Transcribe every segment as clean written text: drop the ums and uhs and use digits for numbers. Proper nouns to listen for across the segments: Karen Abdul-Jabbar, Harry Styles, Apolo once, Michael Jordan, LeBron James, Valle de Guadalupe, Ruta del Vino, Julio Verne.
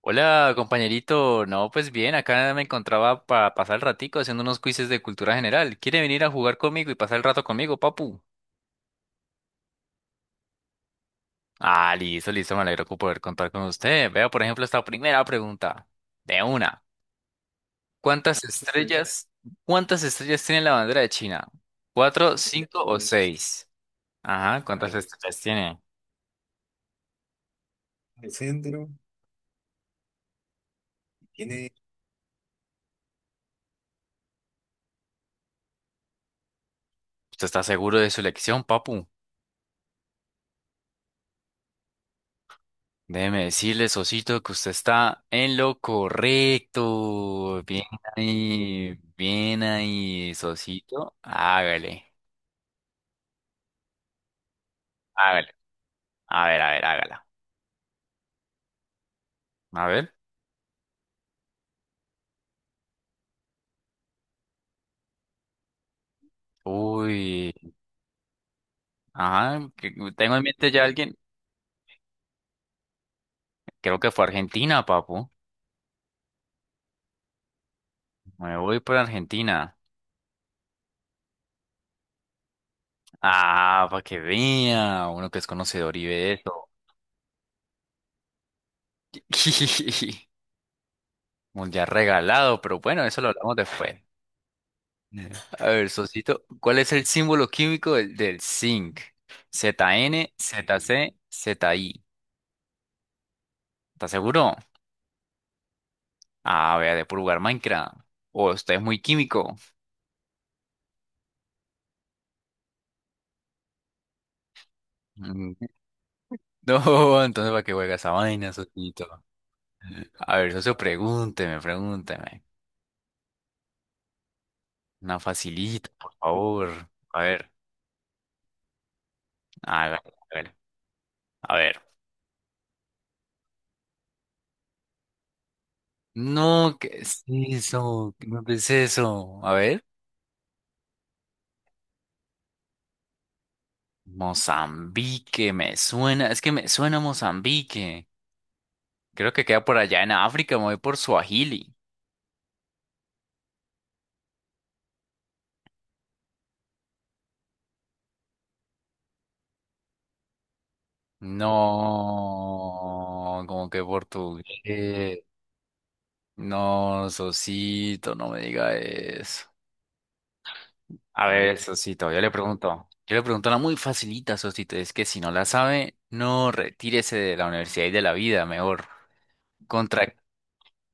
Hola, compañerito. No, pues bien, acá me encontraba para pasar el ratico haciendo unos quizzes de cultura general. ¿Quiere venir a jugar conmigo y pasar el rato conmigo, papu? Ah, listo, listo, me alegro con poder contar con usted. Vea, por ejemplo, esta primera pregunta. De una. ¿Cuántas estrellas, cuántas estrellas tiene la bandera de China? ¿Cuatro, cinco o seis? Ajá, ¿cuántas estrellas tiene? El centro tiene. ¿Usted está seguro de su elección, papu? Déjeme decirle, Osito, que usted está en lo correcto. Bien ahí, Sosito. Hágale, hágale. A ver, hágala. A ver. Uy, ajá, tengo en mente ya alguien. Creo que fue Argentina, papu. Me voy por Argentina. Ah, para que vea, uno que es conocedor y ve eso. Mundial regalado, pero bueno, eso lo hablamos después. A ver, Sosito, ¿cuál es el símbolo químico del zinc? ZN, ZC, ZI. ¿Estás seguro? Ah, vea, de puro jugar Minecraft. O usted es muy químico. Mm. No, entonces ¿para qué juega esa vaina, Sosito? A ver, socio, pregúnteme, pregúnteme. Una facilita, por favor. A ver, hágale, hágale. A ver. No, ¿qué es eso? ¿Qué no es eso? A ver. Mozambique, me suena. Es que me suena Mozambique. Creo que queda por allá en África, me voy por Swahili. No, como que portugués. No, Sosito, no me diga eso. A ver, Sosito, yo le pregunto. Yo le pregunto una muy facilita, Sosito. Es que si no la sabe, no retírese de la universidad y de la vida, mejor. ¿Contra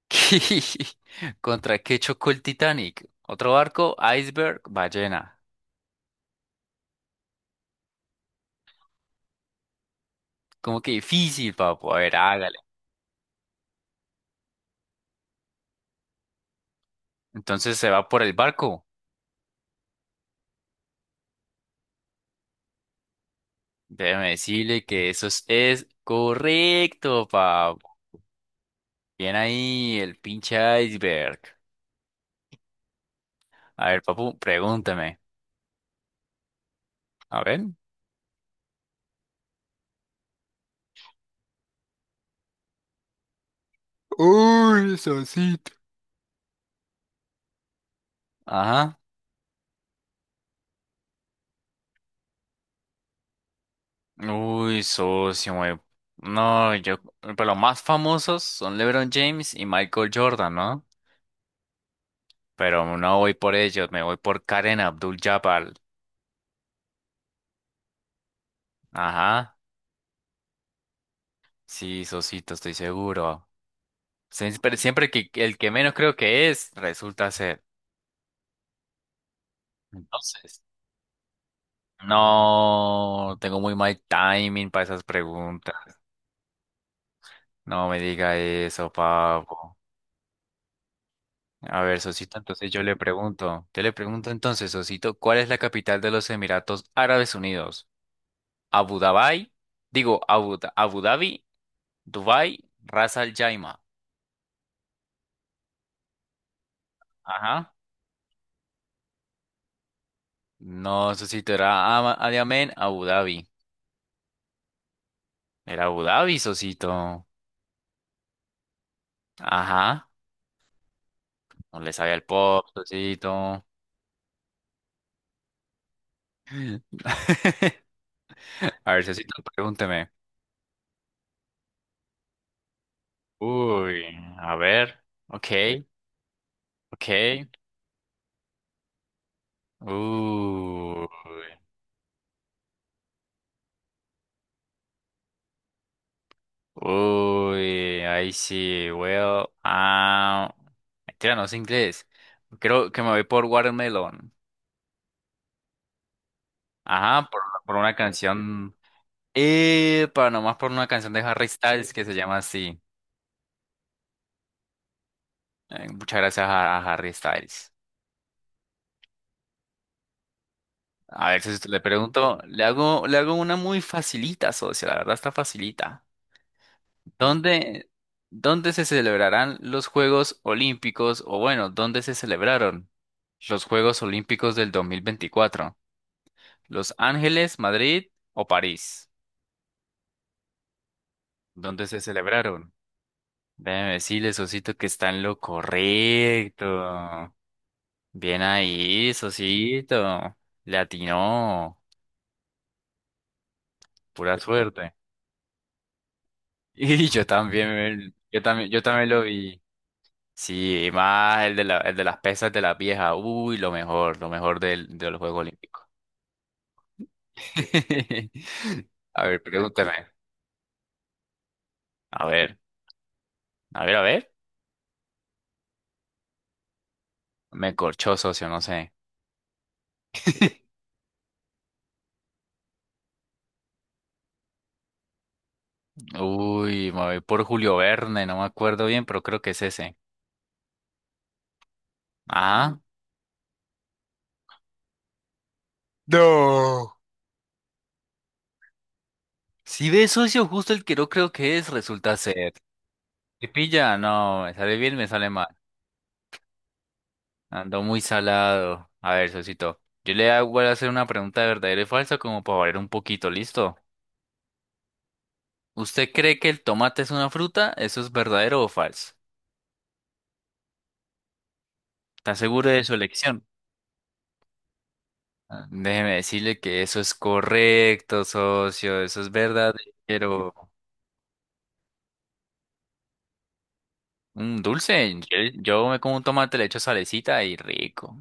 qué? ¿Contra qué chocó el Titanic? ¿Otro barco? ¿Iceberg? ¿Ballena? Como que difícil, papo. A ver, hágale. Entonces se va por el barco. Déjeme decirle que eso es correcto, papu. Bien ahí el pinche iceberg. A ver, papu, pregúntame. A ver. Uy, Sosito. Ajá. Uy, socio, güey. No, yo. Pero los más famosos son LeBron James y Michael Jordan, ¿no? Pero no voy por ellos, me voy por Karen Abdul-Jabbar. Ajá. Sí, socito, estoy seguro. Siempre, siempre que el que menos creo que es, resulta ser. Entonces. No, tengo muy mal timing para esas preguntas. No me diga eso, Pablo. A ver, Sosito, entonces yo le pregunto. Yo le pregunto entonces, Sosito, ¿cuál es la capital de los Emiratos Árabes Unidos? Abu Dhabi, digo, Abu, Da- Abu Dhabi, Dubai, Ras Al Jaima. Ajá. No, Sosito, era Adiamén, Abu Dhabi. Era Abu Dhabi, Sosito. Ajá. No le sabía el pop, Sosito. A ver, Sosito, pregúnteme. Uy, a ver. Ok, ok. Uy, uy, ahí sí, well, mentira, no sé inglés. Creo que me voy por Watermelon. Ajá, por una canción. Para nomás por una canción de Harry Styles que se llama así. Muchas gracias a Harry Styles. A ver si le pregunto, le hago una muy facilita, socio, la verdad está facilita. ¿Dónde, dónde se celebrarán los Juegos Olímpicos? O bueno, ¿dónde se celebraron los Juegos Olímpicos del 2024? ¿Los Ángeles, Madrid o París? ¿Dónde se celebraron? Déjeme decirle, Sosito, que está en lo correcto. Bien ahí, Sosito. Le atinó. Pura suerte. Y yo también, yo también, yo también lo vi. Sí, y más el de las pesas de la vieja. Uy, lo mejor del, de los Juegos Olímpicos. A ver, pregúntame. A ver, a ver, a ver. Me corchó, socio, no sé. Uy, me voy por Julio Verne, no me acuerdo bien, pero creo que es ese. Ah. No. Si ve, socio, justo el que no creo que es, resulta ser. ¿Te pilla? No, me sale bien, me sale mal. Ando muy salado. A ver, Sosito. Voy a hacer una pregunta de verdadero y falso como para variar un poquito, ¿listo? ¿Usted cree que el tomate es una fruta? ¿Eso es verdadero o falso? ¿Está seguro de su elección? Ah, déjeme decirle que eso es correcto, socio. Eso es verdadero. Un dulce. Yo me como un tomate, le echo salecita y rico.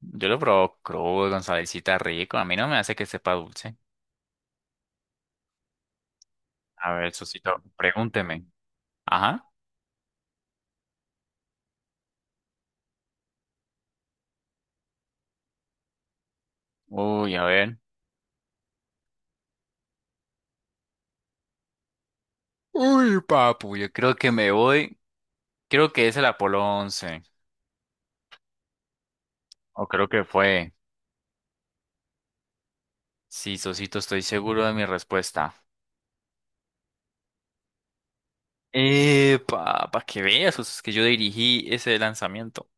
Yo lo probo crudo con salecita rico. A mí no me hace que sepa dulce. A ver, Sosito, pregúnteme. Ajá. Uy, a ver. Uy, papu, yo creo que me voy. Creo que es el Apolo 11. O creo que fue. Sí, Sosito, estoy seguro de mi respuesta. Para que veas, Sos, es que yo dirigí ese lanzamiento.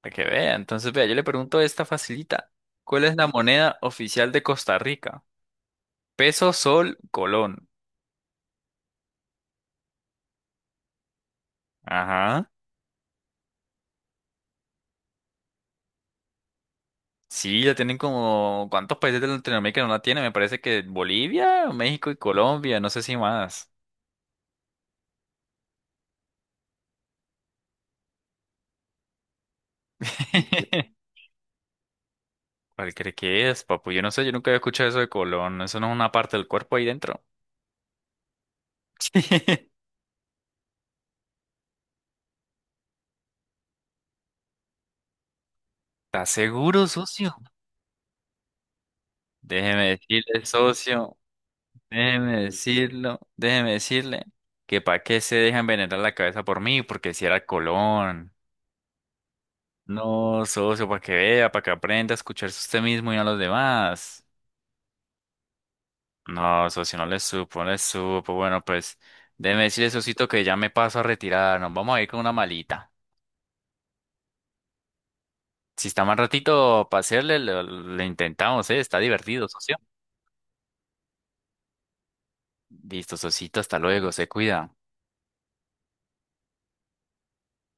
Para que vea. Entonces, vea, yo le pregunto esta facilita. ¿Cuál es la moneda oficial de Costa Rica? Peso, sol, colón. Ajá. Sí, la tienen como... ¿Cuántos países de Latinoamérica no la tienen? Me parece que Bolivia, México y Colombia, no sé si más. ¿Cuál cree que es, papu? Yo no sé, yo nunca había escuchado eso de colon. Eso no es una parte del cuerpo ahí dentro. ¿Estás seguro, socio? Déjeme decirle, socio. Déjeme decirlo. Déjeme decirle que para qué se deja envenenar la cabeza por mí, porque si era el colon. No, socio, para que vea, para que aprenda a escucharse usted mismo y no a los demás. No, socio, no le supo, no le supo. Bueno, pues déjeme decirle, socito, que ya me paso a retirar. Nos vamos a ir con una malita. Si está más ratito para hacerle, lo intentamos, ¿eh? Está divertido, socio. Listo, socito, hasta luego, se cuida.